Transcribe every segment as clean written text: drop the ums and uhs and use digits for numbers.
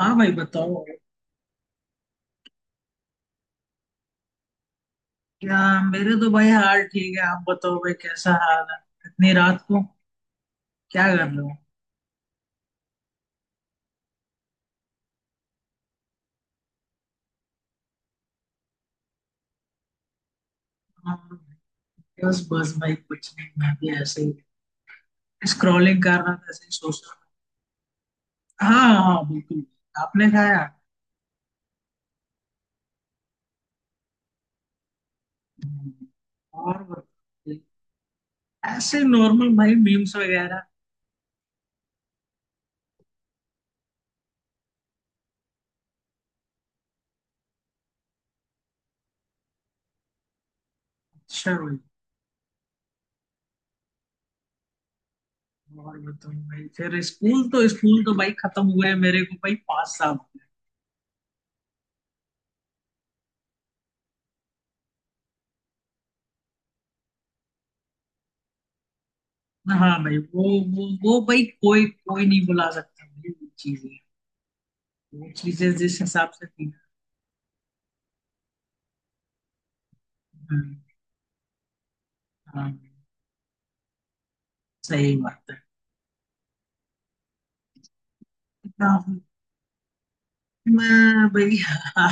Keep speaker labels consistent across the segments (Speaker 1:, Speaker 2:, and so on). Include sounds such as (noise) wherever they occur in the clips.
Speaker 1: हाँ भाई, बताओ। क्या? मेरे तो भाई हाल ठीक है। आप बताओ भाई, कैसा हाल है? इतनी रात को क्या कर रहे हो? हाँ, बस बस भाई कुछ नहीं, मैं भी ऐसे ही स्क्रॉलिंग कर रहा था, ऐसे ही सोच रहा था। हाँ हाँ, बिल्कुल। आपने खाया? हम्म। और बताओ, ऐसे नॉर्मल भाई मीम्स वगैरह शेयर हुई। और बताओ भाई, फिर स्कूल। तो भाई खत्म हुआ है मेरे को भाई 5 साल। हाँ भाई, वो भाई कोई कोई नहीं बुला सकता भाई। वो चीजें जिस हिसाब से थी। हाँ, हाँ, सही बात है। हाँ, मैं भाई हाँ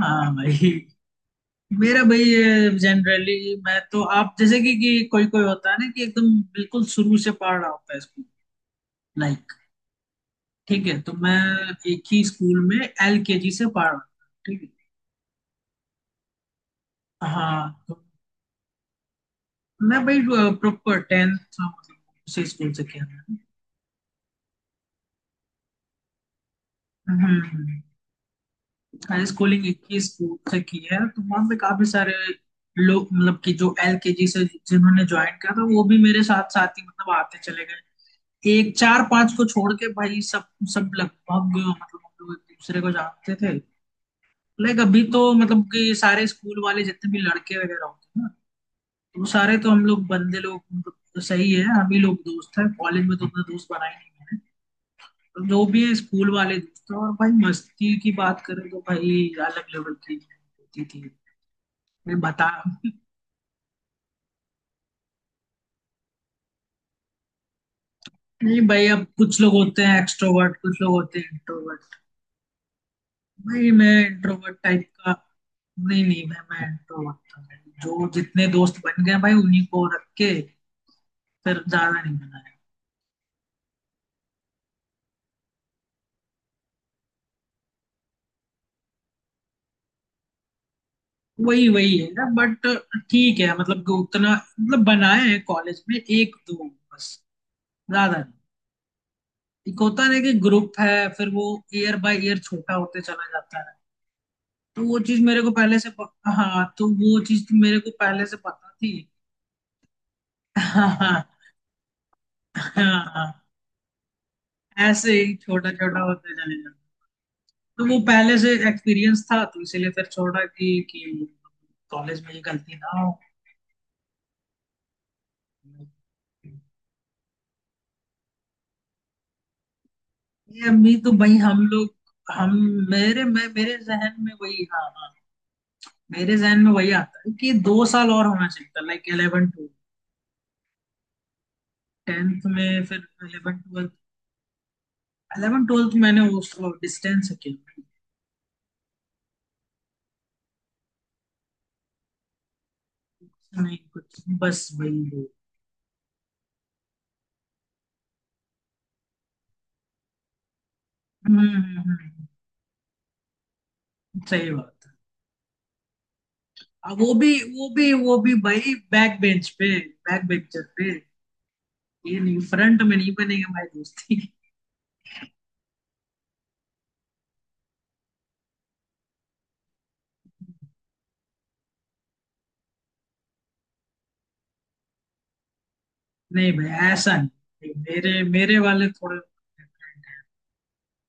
Speaker 1: हाँ भाई मेरा भाई जनरली। मैं तो आप जैसे कि कोई कोई होता है ना, कि एकदम बिल्कुल शुरू से पढ़ रहा होता है स्कूल, लाइक, ठीक है। तो मैं एक ही स्कूल में एल के जी से पढ़ रहा था, ठीक है। हाँ, तो मैं भाई प्रॉपर टेंथ, मतलब उसी स्कूल से किया मैंने। हम्म। मैंने स्कूलिंग 21 स्कूल से की है, तो वहाँ पे काफी सारे लोग, मतलब कि जो एलकेजी से जिन्होंने ज्वाइन किया था, वो भी मेरे साथ साथ ही मतलब आते चले गए। एक चार पांच को छोड़ के भाई सब, सब लगभग, मतलब हम लोग एक दूसरे को जानते थे। लाइक अभी तो, मतलब कि सारे स्कूल वाले जितने भी लड़के वगैरह होते हैं ना, तो वो सारे तो हम लोग, बंदे लोग मतलब, तो सही है, हम ही लोग दोस्त हैं। कॉलेज में तो अपने दोस्त बनाए नहीं मैंने। तो जो भी है, स्कूल वाले दोस्त हैं, और भाई मस्ती की बात करें तो भाई अलग लेवल की होती थी। मैं बता। नहीं भाई, अब कुछ लोग होते हैं एक्सट्रोवर्ट, कुछ लोग होते हैं इंट्रोवर्ट। भाई मैं इंट्रोवर्ट टाइप का। नहीं नहीं, मैं इंट्रोवर्ट था भाई। जो जितने दोस्त बन गए भाई, उन्हीं को रख के फिर ज्यादा नहीं बनाया। वही वही है ना। बट ठीक है, मतलब कि उतना, मतलब बनाए हैं कॉलेज में एक दो बस, ज्यादा नहीं। एक होता है ना, कि ग्रुप है, फिर वो ईयर बाय ईयर छोटा होते चला जाता है। तो वो चीज मेरे को पहले से हाँ, तो वो चीज तो मेरे को पहले से पता थी। (laughs) हाँ, ऐसे ही छोटा छोटा होते चले जाते। तो वो पहले से एक्सपीरियंस था, तो इसीलिए फिर छोड़ा कि कॉलेज में ये गलती ना हो। ये अभी तो भाई हम लोग, हम मेरे मैं मेरे जहन में वही, हाँ हाँ, मेरे जहन में वही आता है कि 2 साल और होना चाहिए था, लाइक 11 टू 10th में। फिर 11 ट्वेल्थ, 11 ट्वेल्थ मैंने वो डिस्टेंस से किया। नहीं, कुछ बस वही वो। हम्म हम्म, हम्म, सही बात। अब वो भी भाई बैक बेंच पे, बैक बेंचर पे। ये नहीं, फ्रंट में नहीं बनेगा भाई दोस्ती। नहीं भाई ऐसा नहीं, मेरे मेरे वाले थोड़े different हैं।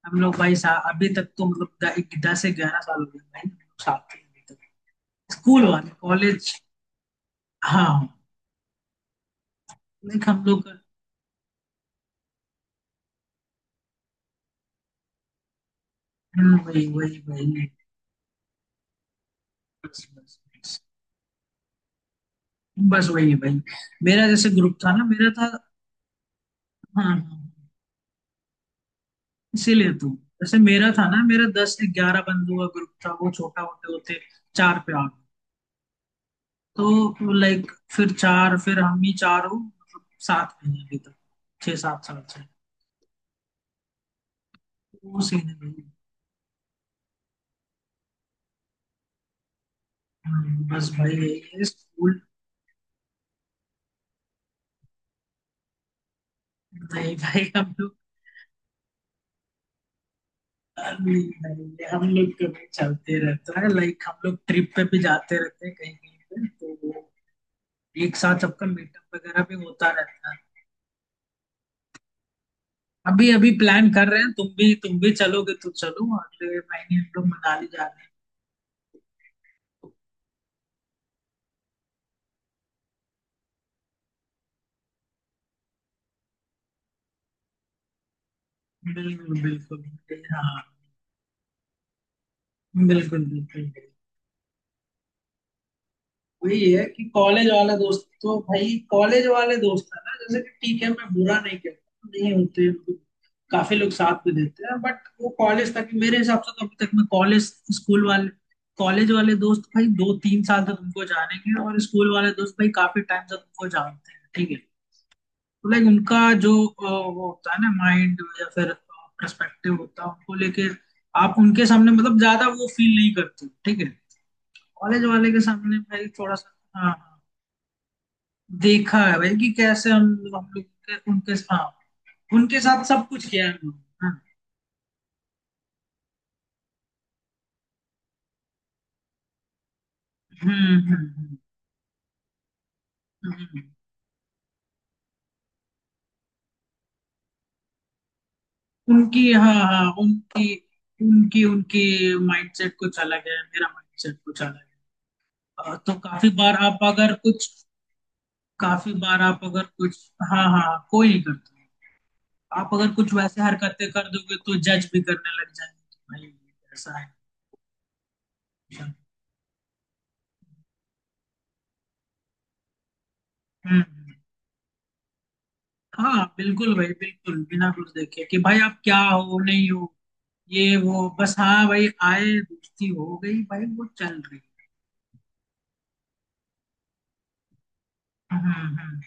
Speaker 1: हम लोग भाई, सा अभी तक तो मतलब 10 से 11 साल हो गए भाई, हम लोग साथ ही अभी तक, स्कूल वाले, कॉलेज। हाँ। लाइक हम लोग वही वही वही। बस, बस वही है भाई। मेरा जैसे ग्रुप था ना, मेरा था। हाँ हाँ, इसीलिए तो। जैसे मेरा था ना, मेरा 10 से 11 बंदों का ग्रुप था, वो छोटा होते होते चार पे आ गया। तो लाइक, फिर चार, फिर हम ही चार, हो मतलब 7 महीने अभी तक, 6-7 साल से। वो सीन है भाई। बस भाई यही है स्कूल। नहीं भाई हम लोग, नहीं भाई हम लोग कभी, चलते रहता है, लाइक हम लोग ट्रिप पे भी जाते रहते हैं कहीं कहीं पे, तो वो एक साथ सबका मीटअप वगैरह भी होता रहता है। अभी अभी प्लान कर रहे हैं, तुम भी चलोगे तो चलो, अगले महीने हम लोग मनाली जा रहे हैं। बिल्कुल बिल्कुल, हाँ। बिल्कुल बिल्कुल बिल्कुल। वही है कि कॉलेज वाले दोस्त, तो भाई कॉलेज वाले दोस्त है ना, जैसे कि ठीक है, मैं बुरा नहीं कहता, नहीं होते तो काफी लोग साथ में देते हैं, बट वो कॉलेज तक, मेरे हिसाब से तो अभी तक मैं। कॉलेज, स्कूल वाले, कॉलेज वाले दोस्त भाई 2-3 साल तो तुमको जानेंगे, और स्कूल वाले दोस्त भाई काफी टाइम से तुमको जानते हैं, ठीक है? लाइक उनका जो वो होता है ना माइंड, या फिर पर्सपेक्टिव होता है उनको लेके, आप उनके सामने मतलब ज्यादा वो फील नहीं करते हो, ठीक है? कॉलेज वाले के सामने भाई थोड़ा सा। हाँ हाँ, देखा है भाई कि कैसे हम, हम लोग उनके, हाँ, उनके साथ सब कुछ किया है हम लोगों ने, हाँ। हम्म, हम्म, हम्म। उनकी, हाँ हाँ, उनकी उनकी उनकी माइंडसेट कुछ अलग है, मेरा माइंडसेट कुछ अलग है। तो काफी बार आप अगर कुछ, काफी बार आप अगर कुछ, हाँ हाँ, कोई नहीं करता है। आप अगर कुछ वैसे हरकतें कर दोगे, तो जज भी करने लग जाएंगे कि भाई ये ऐसा है। हम्म। हाँ बिल्कुल भाई बिल्कुल, बिना कुछ देखे कि भाई आप क्या हो, नहीं हो, ये वो बस, हाँ भाई, आए दोस्ती हो गई भाई, वो चल रही। हम्म,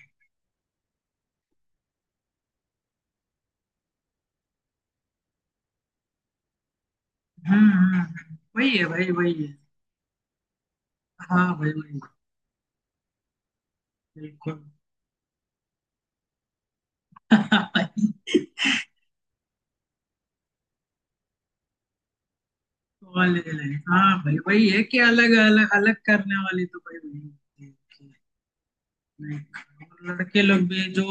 Speaker 1: वही है भाई वही है। हाँ भाई वही। बिल्कुल। (laughs) कॉलेज लाइफ, हाँ भाई वही है कि अलग अलग, अलग करने वाली तो भाई वही होती है। नहीं। और लड़के लोग भी जो,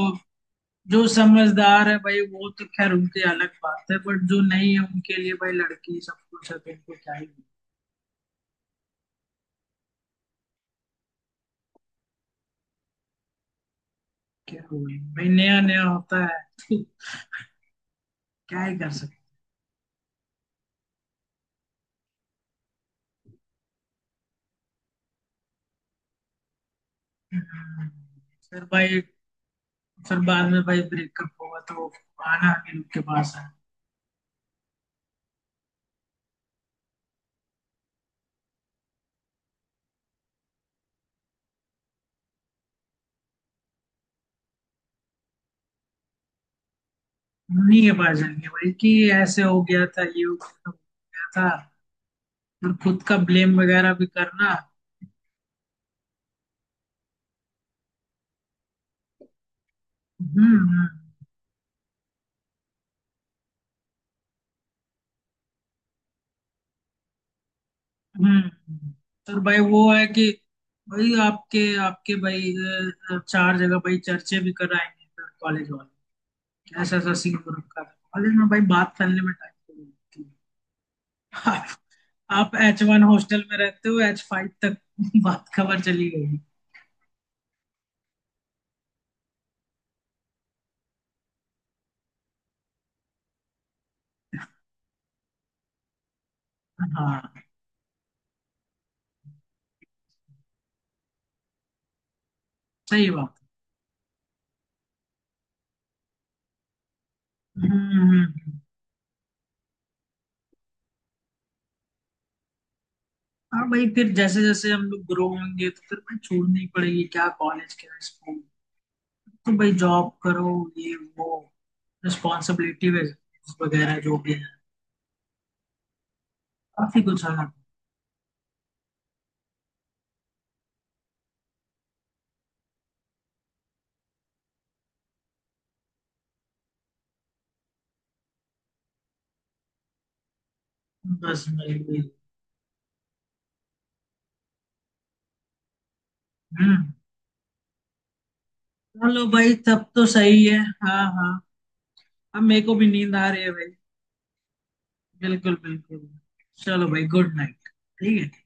Speaker 1: जो समझदार है भाई वो तो खैर उनकी अलग बात है, बट जो नहीं है उनके लिए भाई लड़की सब कुछ है, तो उनको क्या ही। क्या हुए भाई, नया नया होता है, क्या ही कर सकते हैं। फिर भाई, फिर बाद में भाई ब्रेकअप हुआ तो आना भी उनके पास है, उन्हीं के पास जाएंगे भाई, कि ऐसे हो गया था, ये हो गया था, वो हो गया था, और खुद का ब्लेम वगैरह भी करना। हम्म, हम्म। और भाई वो है कि भाई आपके आपके भाई चार जगह भाई चर्चे भी कराएंगे फिर कॉलेज वाले। ऐसा ऐसा सीन हो रखा था कॉलेज में भाई, बात करने में टाइम लगती (laughs) है, आप। आप H1 हॉस्टल में रहते हो, H5 तक (laughs) बात खबर चली गई। हाँ, सही बात। हम्म हम्म, हम्म। हाँ भाई, फिर जैसे जैसे हम लोग ग्रो होंगे तो फिर भाई छोड़नी पड़ेगी, क्या कॉलेज क्या स्कूल, तो भाई जॉब करो, ये वो रिस्पॉन्सिबिलिटी वगैरह जो भी है, काफी कुछ। हाँ, पर्सनली। हम्म। चलो भाई तब तो सही है। हाँ हाँ, अब मेरे को भी नींद आ रही है भाई। बिल्कुल बिल्कुल, चलो भाई गुड नाइट। ठीक है।